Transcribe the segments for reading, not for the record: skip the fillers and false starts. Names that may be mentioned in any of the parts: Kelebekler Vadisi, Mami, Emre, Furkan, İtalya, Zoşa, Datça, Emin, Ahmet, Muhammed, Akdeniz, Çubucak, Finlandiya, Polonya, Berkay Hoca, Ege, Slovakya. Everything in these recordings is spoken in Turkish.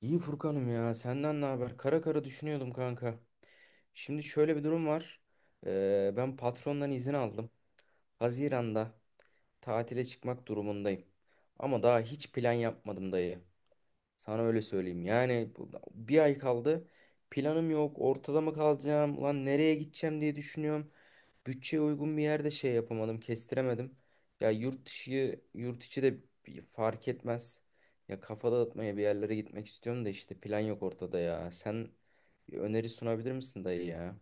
İyi Furkan'ım ya senden ne haber? Kara kara düşünüyordum kanka. Şimdi şöyle bir durum var. Ben patrondan izin aldım. Haziran'da tatile çıkmak durumundayım. Ama daha hiç plan yapmadım dayı. Sana öyle söyleyeyim. Yani bir ay kaldı. Planım yok. Ortada mı kalacağım? Lan nereye gideceğim diye düşünüyorum. Bütçeye uygun bir yerde şey yapamadım, kestiremedim. Ya yurt dışı, yurt içi de bir fark etmez. Ya kafa dağıtmaya bir yerlere gitmek istiyorum da işte plan yok ortada ya. Sen bir öneri sunabilir misin dayı ya?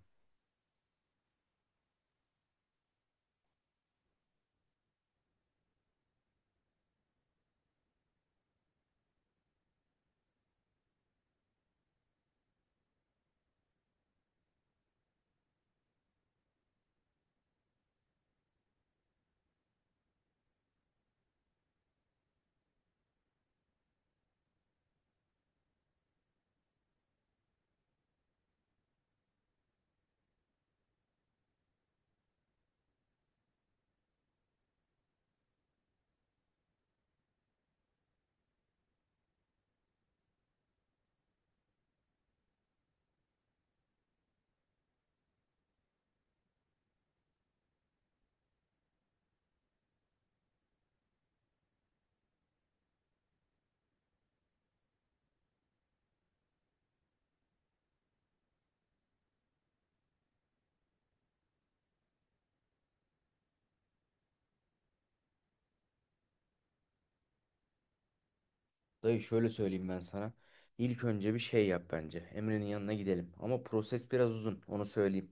Dayı şöyle söyleyeyim ben sana. İlk önce bir şey yap bence. Emre'nin yanına gidelim. Ama proses biraz uzun, onu söyleyeyim.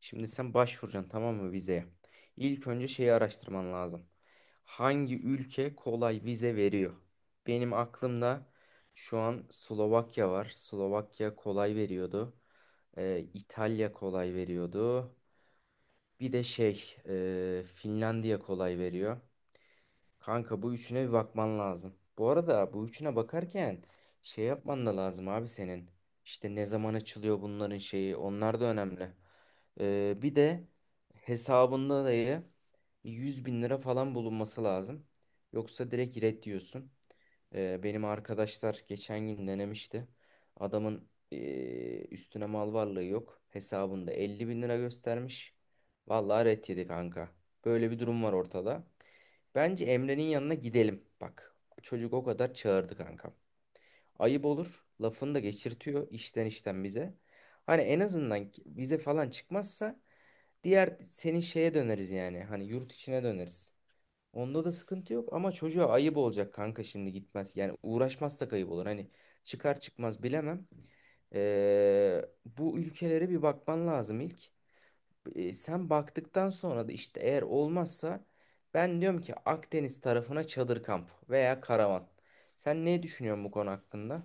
Şimdi sen başvuracaksın tamam mı vizeye? İlk önce şeyi araştırman lazım. Hangi ülke kolay vize veriyor? Benim aklımda şu an Slovakya var. Slovakya kolay veriyordu. İtalya kolay veriyordu. Bir de şey, Finlandiya kolay veriyor. Kanka bu üçüne bir bakman lazım. Bu arada bu üçüne bakarken şey yapman da lazım abi senin. İşte ne zaman açılıyor bunların şeyi onlar da önemli. Bir de hesabında da 100.000 lira falan bulunması lazım. Yoksa direkt red diyorsun. Benim arkadaşlar geçen gün denemişti. Adamın üstüne mal varlığı yok. Hesabında 50.000 lira göstermiş. Vallahi red yedi kanka. Böyle bir durum var ortada. Bence Emre'nin yanına gidelim. Bak çocuk o kadar çağırdı kankam. Ayıp olur. Lafını da geçirtiyor işten işten bize. Hani en azından vize falan çıkmazsa diğer senin şeye döneriz yani. Hani yurt içine döneriz. Onda da sıkıntı yok ama çocuğa ayıp olacak kanka şimdi gitmez. Yani uğraşmazsak ayıp olur. Hani çıkar çıkmaz bilemem. Bu ülkelere bir bakman lazım ilk sen baktıktan sonra da işte eğer olmazsa ben diyorum ki Akdeniz tarafına çadır kamp veya karavan. Sen ne düşünüyorsun bu konu hakkında?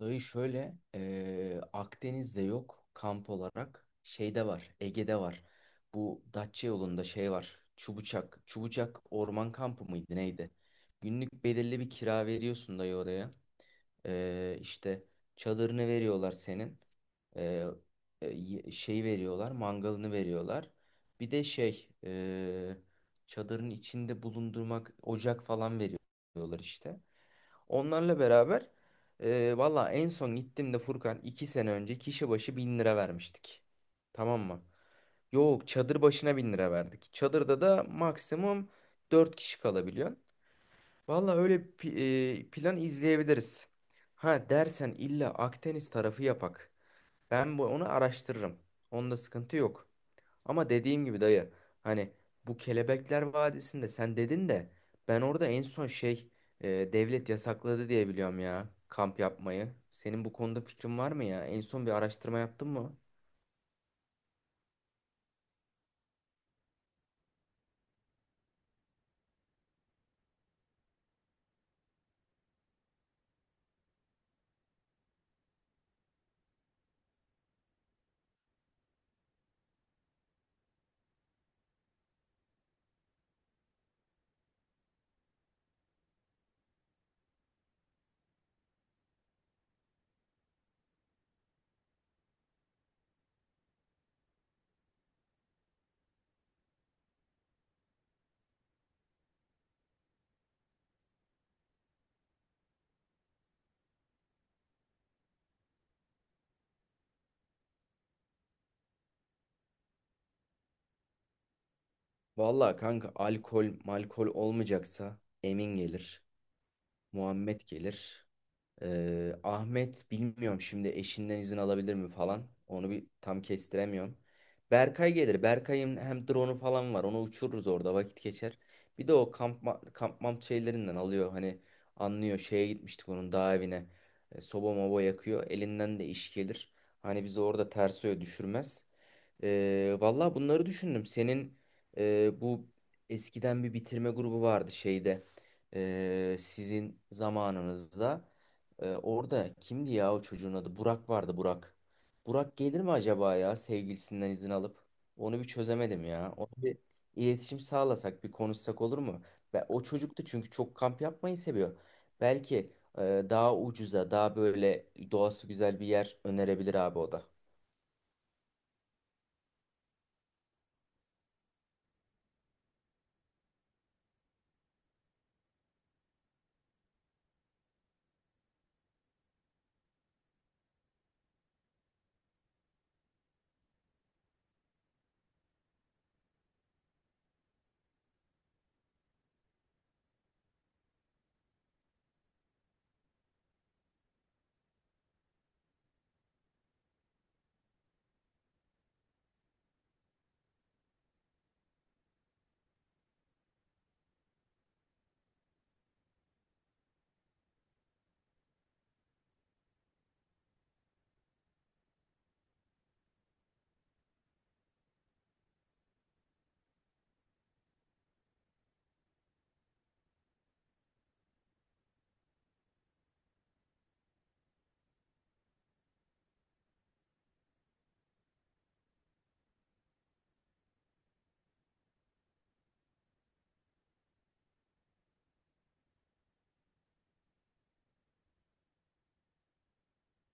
Dayı şöyle Akdeniz'de yok kamp olarak şeyde var Ege'de var. Bu Datça yolunda şey var Çubucak. Çubucak orman kampı mıydı neydi? Günlük belirli bir kira veriyorsun dayı oraya. İşte çadırını veriyorlar senin. Ee, Şey veriyorlar, mangalını veriyorlar. Bir de şey, çadırın içinde bulundurmak ocak falan veriyorlar işte. Onlarla beraber valla en son gittiğimde Furkan 2 sene önce kişi başı 1.000 lira vermiştik. Tamam mı? Yok çadır başına 1.000 lira verdik. Çadırda da maksimum dört kişi kalabiliyor. Valla öyle plan izleyebiliriz. Ha dersen illa Akdeniz tarafı yapak. Ben bu onu araştırırım. Onda sıkıntı yok. Ama dediğim gibi dayı hani bu Kelebekler Vadisi'nde sen dedin de ben orada en son şey e, devlet yasakladı diye biliyorum ya kamp yapmayı. Senin bu konuda fikrin var mı ya? En son bir araştırma yaptın mı? Valla kanka alkol malkol olmayacaksa Emin gelir, Muhammed gelir. Ahmet bilmiyorum şimdi eşinden izin alabilir mi falan. Onu bir tam kestiremiyorum. Berkay gelir. Berkay'ın hem drone'u falan var. Onu uçururuz orada vakit geçer. Bir de o kamp mamp şeylerinden alıyor. Hani anlıyor şeye gitmiştik onun dağ evine. Soba moba yakıyor. Elinden de iş gelir. Hani bizi orada ters öyle düşürmez. Valla bunları düşündüm. Senin bu eskiden bir bitirme grubu vardı şeyde. Sizin zamanınızda. Orada kimdi ya o çocuğun adı? Burak vardı Burak. Burak gelir mi acaba ya sevgilisinden izin alıp? Onu bir çözemedim ya. Onu bir iletişim sağlasak, bir konuşsak olur mu? Ve o çocuk da çünkü çok kamp yapmayı seviyor. Belki e, daha ucuza, daha böyle doğası güzel bir yer önerebilir abi o da.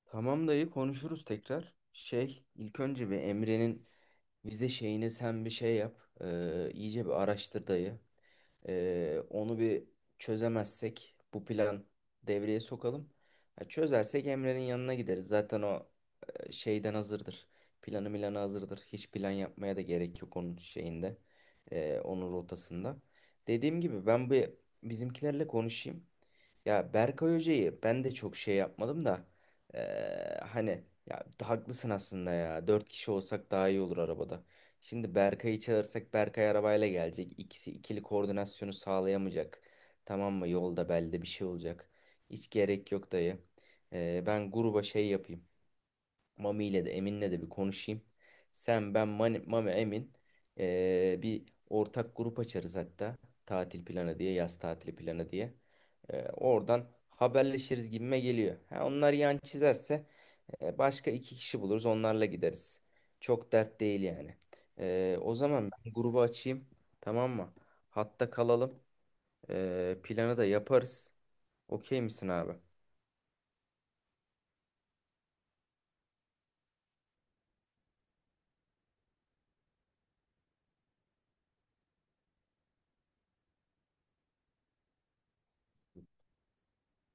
Tamam dayı konuşuruz tekrar. Şey, ilk önce bir Emre'nin vize şeyini sen bir şey yap. İyice bir araştır dayı. Onu bir çözemezsek bu plan devreye sokalım. Ya çözersek Emre'nin yanına gideriz. Zaten o şeyden hazırdır. Planı milanı hazırdır. Hiç plan yapmaya da gerek yok onun şeyinde. Onun rotasında. Dediğim gibi ben bir bizimkilerle konuşayım. Ya Berkay Hoca'yı ben de çok şey yapmadım da hani ya haklısın aslında ya. Dört kişi olsak daha iyi olur arabada. Şimdi Berkay'ı çağırsak Berkay arabayla gelecek. İkisi ikili koordinasyonu sağlayamayacak. Tamam mı? Yolda belde bir şey olacak. Hiç gerek yok dayı. Ben gruba şey yapayım. Mami ile de Emin'le de bir konuşayım. Sen, ben, Mami, Emin bir ortak grup açarız hatta. Tatil planı diye, yaz tatili planı diye. Oradan haberleşiriz gibime geliyor. Ha, onlar yan çizerse başka iki kişi buluruz onlarla gideriz. Çok dert değil yani. O zaman ben grubu açayım. Tamam mı? Hatta kalalım. Planı da yaparız. Okey misin abi?